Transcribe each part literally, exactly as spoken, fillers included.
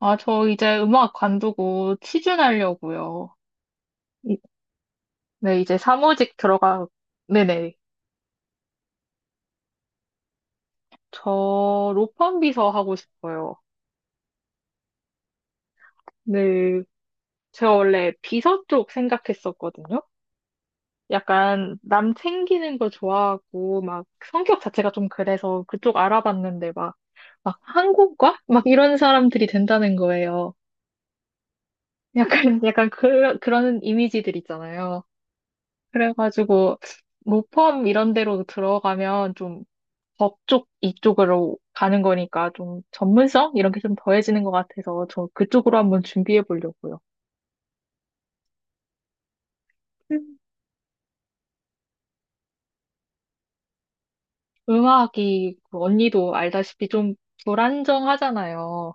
아, 저 이제 음악 관두고 취준하려고요. 이- 네, 이제 사무직 들어가, 네네. 저 로펌 비서 하고 싶어요. 네, 제가 원래 비서 쪽 생각했었거든요. 약간 남 챙기는 거 좋아하고, 막 성격 자체가 좀 그래서 그쪽 알아봤는데 막, 막 한국과? 막 이런 사람들이 된다는 거예요. 약간, 약간 그, 그런 이미지들 있잖아요. 그래가지고, 로펌 이런 데로 들어가면 좀 법 쪽 이쪽으로 가는 거니까 좀 전문성? 이런 게 좀 더해지는 것 같아서 저 그쪽으로 한번 준비해 보려고요. 음. 음악이 그 언니도 알다시피 좀 불안정하잖아요.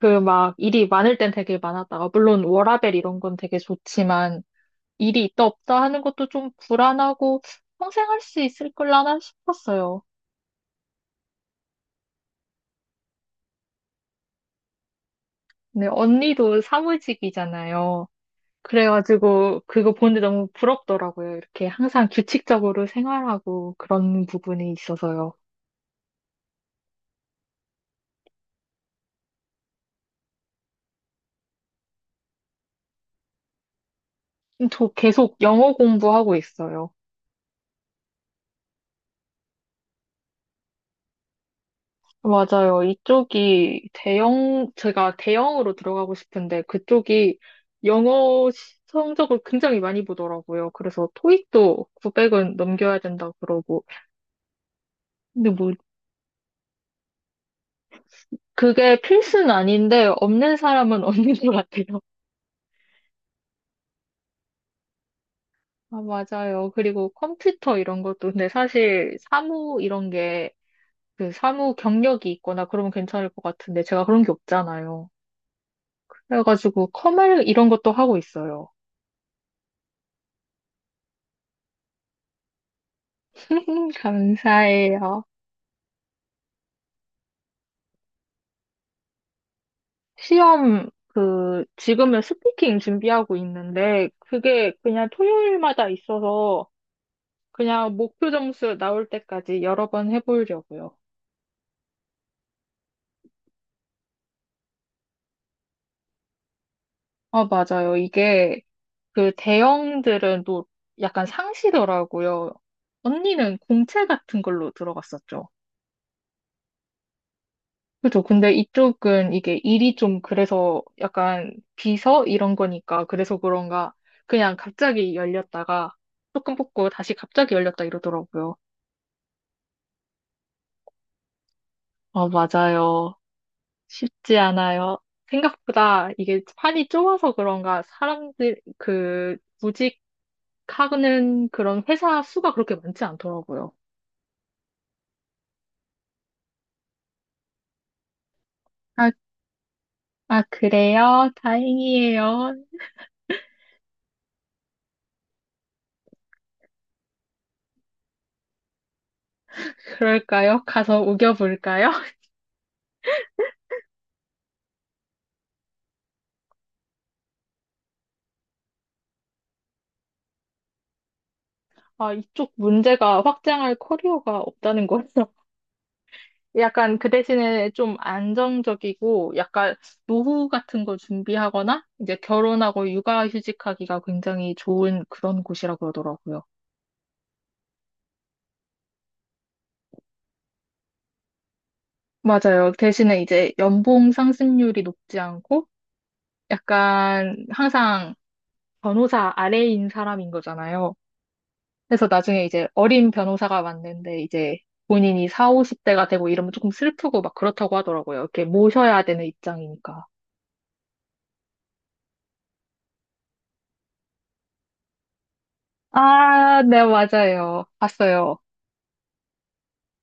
그 막 일이 많을 땐 되게 많았다가 물론 워라밸 이런 건 되게 좋지만 일이 있다 없다 하는 것도 좀 불안하고 평생 할 수 있을 걸라나 싶었어요. 근데 언니도 사무직이잖아요. 그래가지고 그거 보는데 너무 부럽더라고요. 이렇게 항상 규칙적으로 생활하고 그런 부분이 있어서요. 저 계속 영어 공부하고 있어요. 맞아요. 이쪽이 대형, 제가 대형으로 들어가고 싶은데 그쪽이 영어 시- 성적을 굉장히 많이 보더라고요. 그래서 토익도 구백은 넘겨야 된다 그러고. 근데 뭐 그게 필수는 아닌데 없는 사람은 없는 것 같아요. 아, 맞아요. 그리고 컴퓨터 이런 것도, 근데 사실 사무 이런 게 그 사무 경력이 있거나 그러면 괜찮을 것 같은데 제가 그런 게 없잖아요. 그래가지고 컴활 이런 것도 하고 있어요. 감사해요. 시험 그 지금은 스피킹 준비하고 있는데 그게 그냥 토요일마다 있어서 그냥 목표 점수 나올 때까지 여러 번 해보려고요. 아, 맞아요. 이게 그 대형들은 또 약간 상시더라고요. 언니는 공채 같은 걸로 들어갔었죠. 그죠. 근데 이쪽은 이게 일이 좀 그래서 약간 비서 이런 거니까 그래서 그런가 그냥 갑자기 열렸다가 조금 뽑고 다시 갑자기 열렸다 이러더라고요. 아, 맞아요. 쉽지 않아요. 생각보다 이게 판이 좁아서 그런가 사람들 그 구직하는 그런 회사 수가 그렇게 많지 않더라고요. 아, 아, 그래요? 다행이에요. 그럴까요? 가서 우겨볼까요? 아, 이쪽 문제가 확장할 커리어가 없다는 거예요. 약간 그 대신에 좀 안정적이고 약간 노후 같은 거 준비하거나 이제 결혼하고 육아휴직하기가 굉장히 좋은 그런 곳이라고 그러더라고요. 맞아요. 대신에 이제 연봉 상승률이 높지 않고 약간 항상 변호사 아래인 사람인 거잖아요. 그래서 나중에 이제 어린 변호사가 왔는데 이제 본인이 사, 오십 대가 되고 이러면 조금 슬프고 막 그렇다고 하더라고요. 이렇게 모셔야 되는 입장이니까. 아, 네, 맞아요. 봤어요.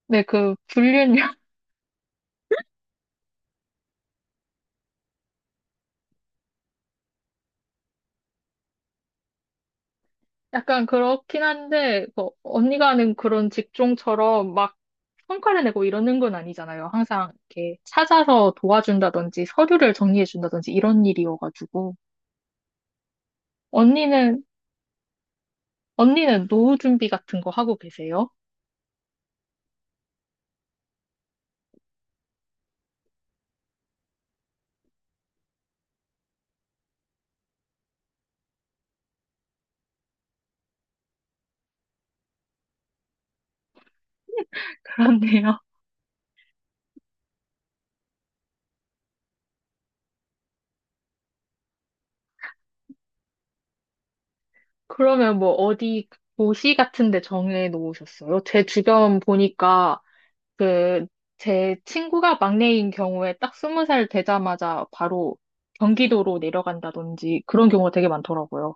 네, 그 불륜이요. 약간 그렇긴 한데 뭐 언니가 하는 그런 직종처럼 막 성과를 내고 이러는 건 아니잖아요. 항상 이렇게 찾아서 도와준다든지 서류를 정리해준다든지 이런 일이어가지고. 언니는, 언니는 노후 준비 같은 거 하고 계세요? 그렇네요. 그러면 뭐 어디 도시 같은 데 정해 놓으셨어요? 제 주변 보니까 그 제 친구가 막내인 경우에 딱 스무 살 되자마자 바로 경기도로 내려간다든지 그런 경우가 되게 많더라고요.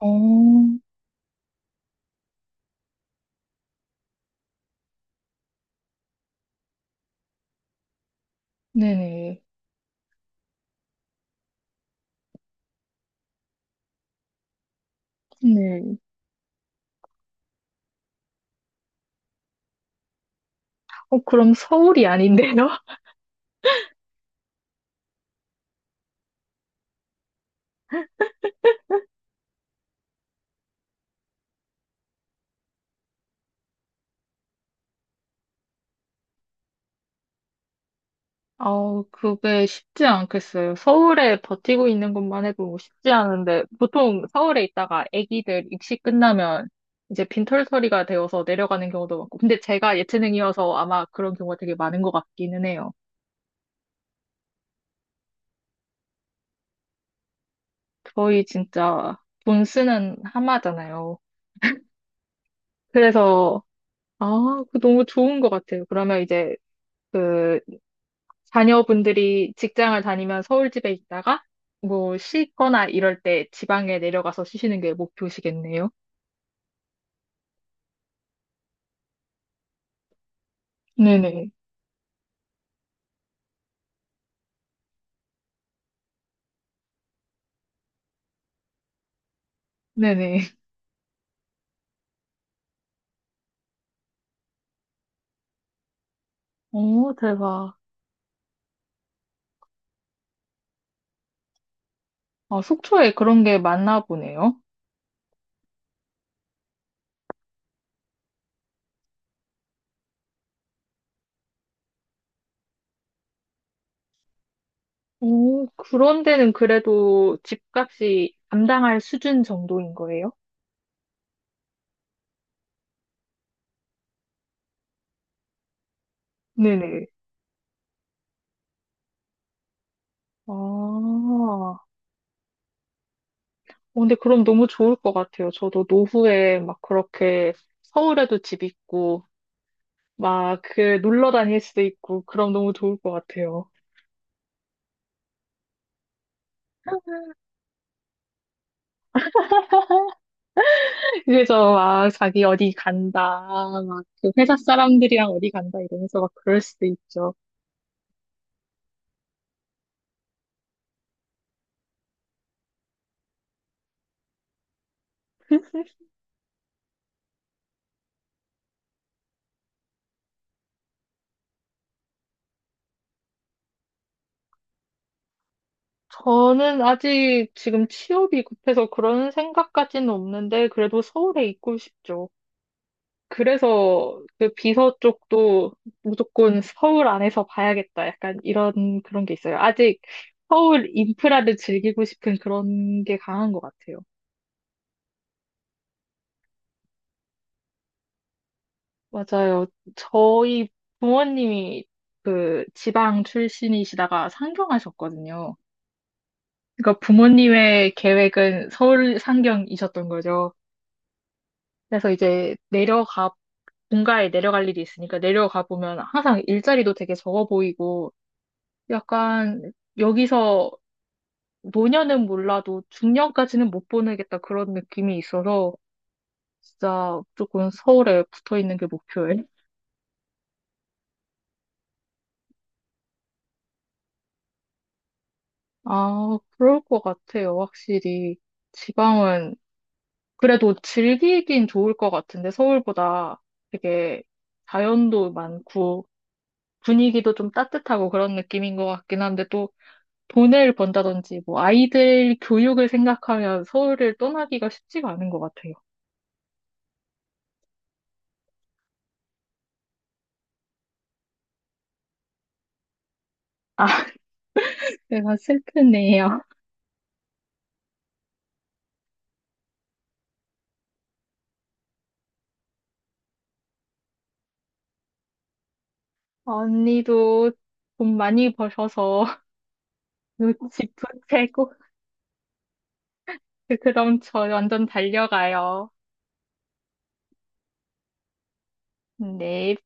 어, 네네. 네. 어, 그럼 서울이 아닌데요? 아우, 그게 쉽지 않겠어요. 서울에 버티고 있는 것만 해도 쉽지 않은데, 보통 서울에 있다가 아기들 입시 끝나면 이제 빈털터리가 되어서 내려가는 경우도 많고, 근데 제가 예체능이어서 아마 그런 경우가 되게 많은 것 같기는 해요. 거의 진짜 돈 쓰는 하마잖아요. 그래서, 아, 그 너무 좋은 것 같아요. 그러면 이제 그 자녀분들이 직장을 다니면 서울 집에 있다가 뭐 쉬거나 이럴 때 지방에 내려가서 쉬시는 게 목표시겠네요. 네네. 네네. 오, 대박. 아, 속초에 그런 게 많나 보네요. 오, 그런 데는 그래도 집값이 감당할 수준 정도인 거예요? 네네. 아, 어, 근데 그럼 너무 좋을 것 같아요. 저도 노후에 막 그렇게 서울에도 집 있고, 막 그 놀러 다닐 수도 있고, 그럼 너무 좋을 것 같아요. 그래서 막 자기 어디 간다, 막 그 회사 사람들이랑 어디 간다 이러면서 막 그럴 수도 있죠. 저는 아직 지금 취업이 급해서 그런 생각까지는 없는데, 그래도 서울에 있고 싶죠. 그래서 그 비서 쪽도 무조건 서울 안에서 봐야겠다. 약간 이런 그런 게 있어요. 아직 서울 인프라를 즐기고 싶은 그런 게 강한 것 같아요. 맞아요. 저희 부모님이 그 지방 출신이시다가 상경하셨거든요. 그러니까 부모님의 계획은 서울 상경이셨던 거죠. 그래서 이제 내려가 본가에 내려갈 일이 있으니까 내려가 보면 항상 일자리도 되게 적어 보이고 약간 여기서 노년은 몰라도 중년까지는 못 보내겠다 그런 느낌이 있어서 진짜 조금 서울에 붙어 있는 게 목표예요. 아, 그럴 것 같아요. 확실히 지방은 그래도 즐기긴 좋을 것 같은데 서울보다 되게 자연도 많고 분위기도 좀 따뜻하고 그런 느낌인 것 같긴 한데 또 돈을 번다든지 뭐 아이들 교육을 생각하면 서울을 떠나기가 쉽지가 않은 것 같아요. 아, 제가 슬프네요. 언니도 돈 많이 버셔서 집 부채고 그럼 저 완전 달려가요. 네.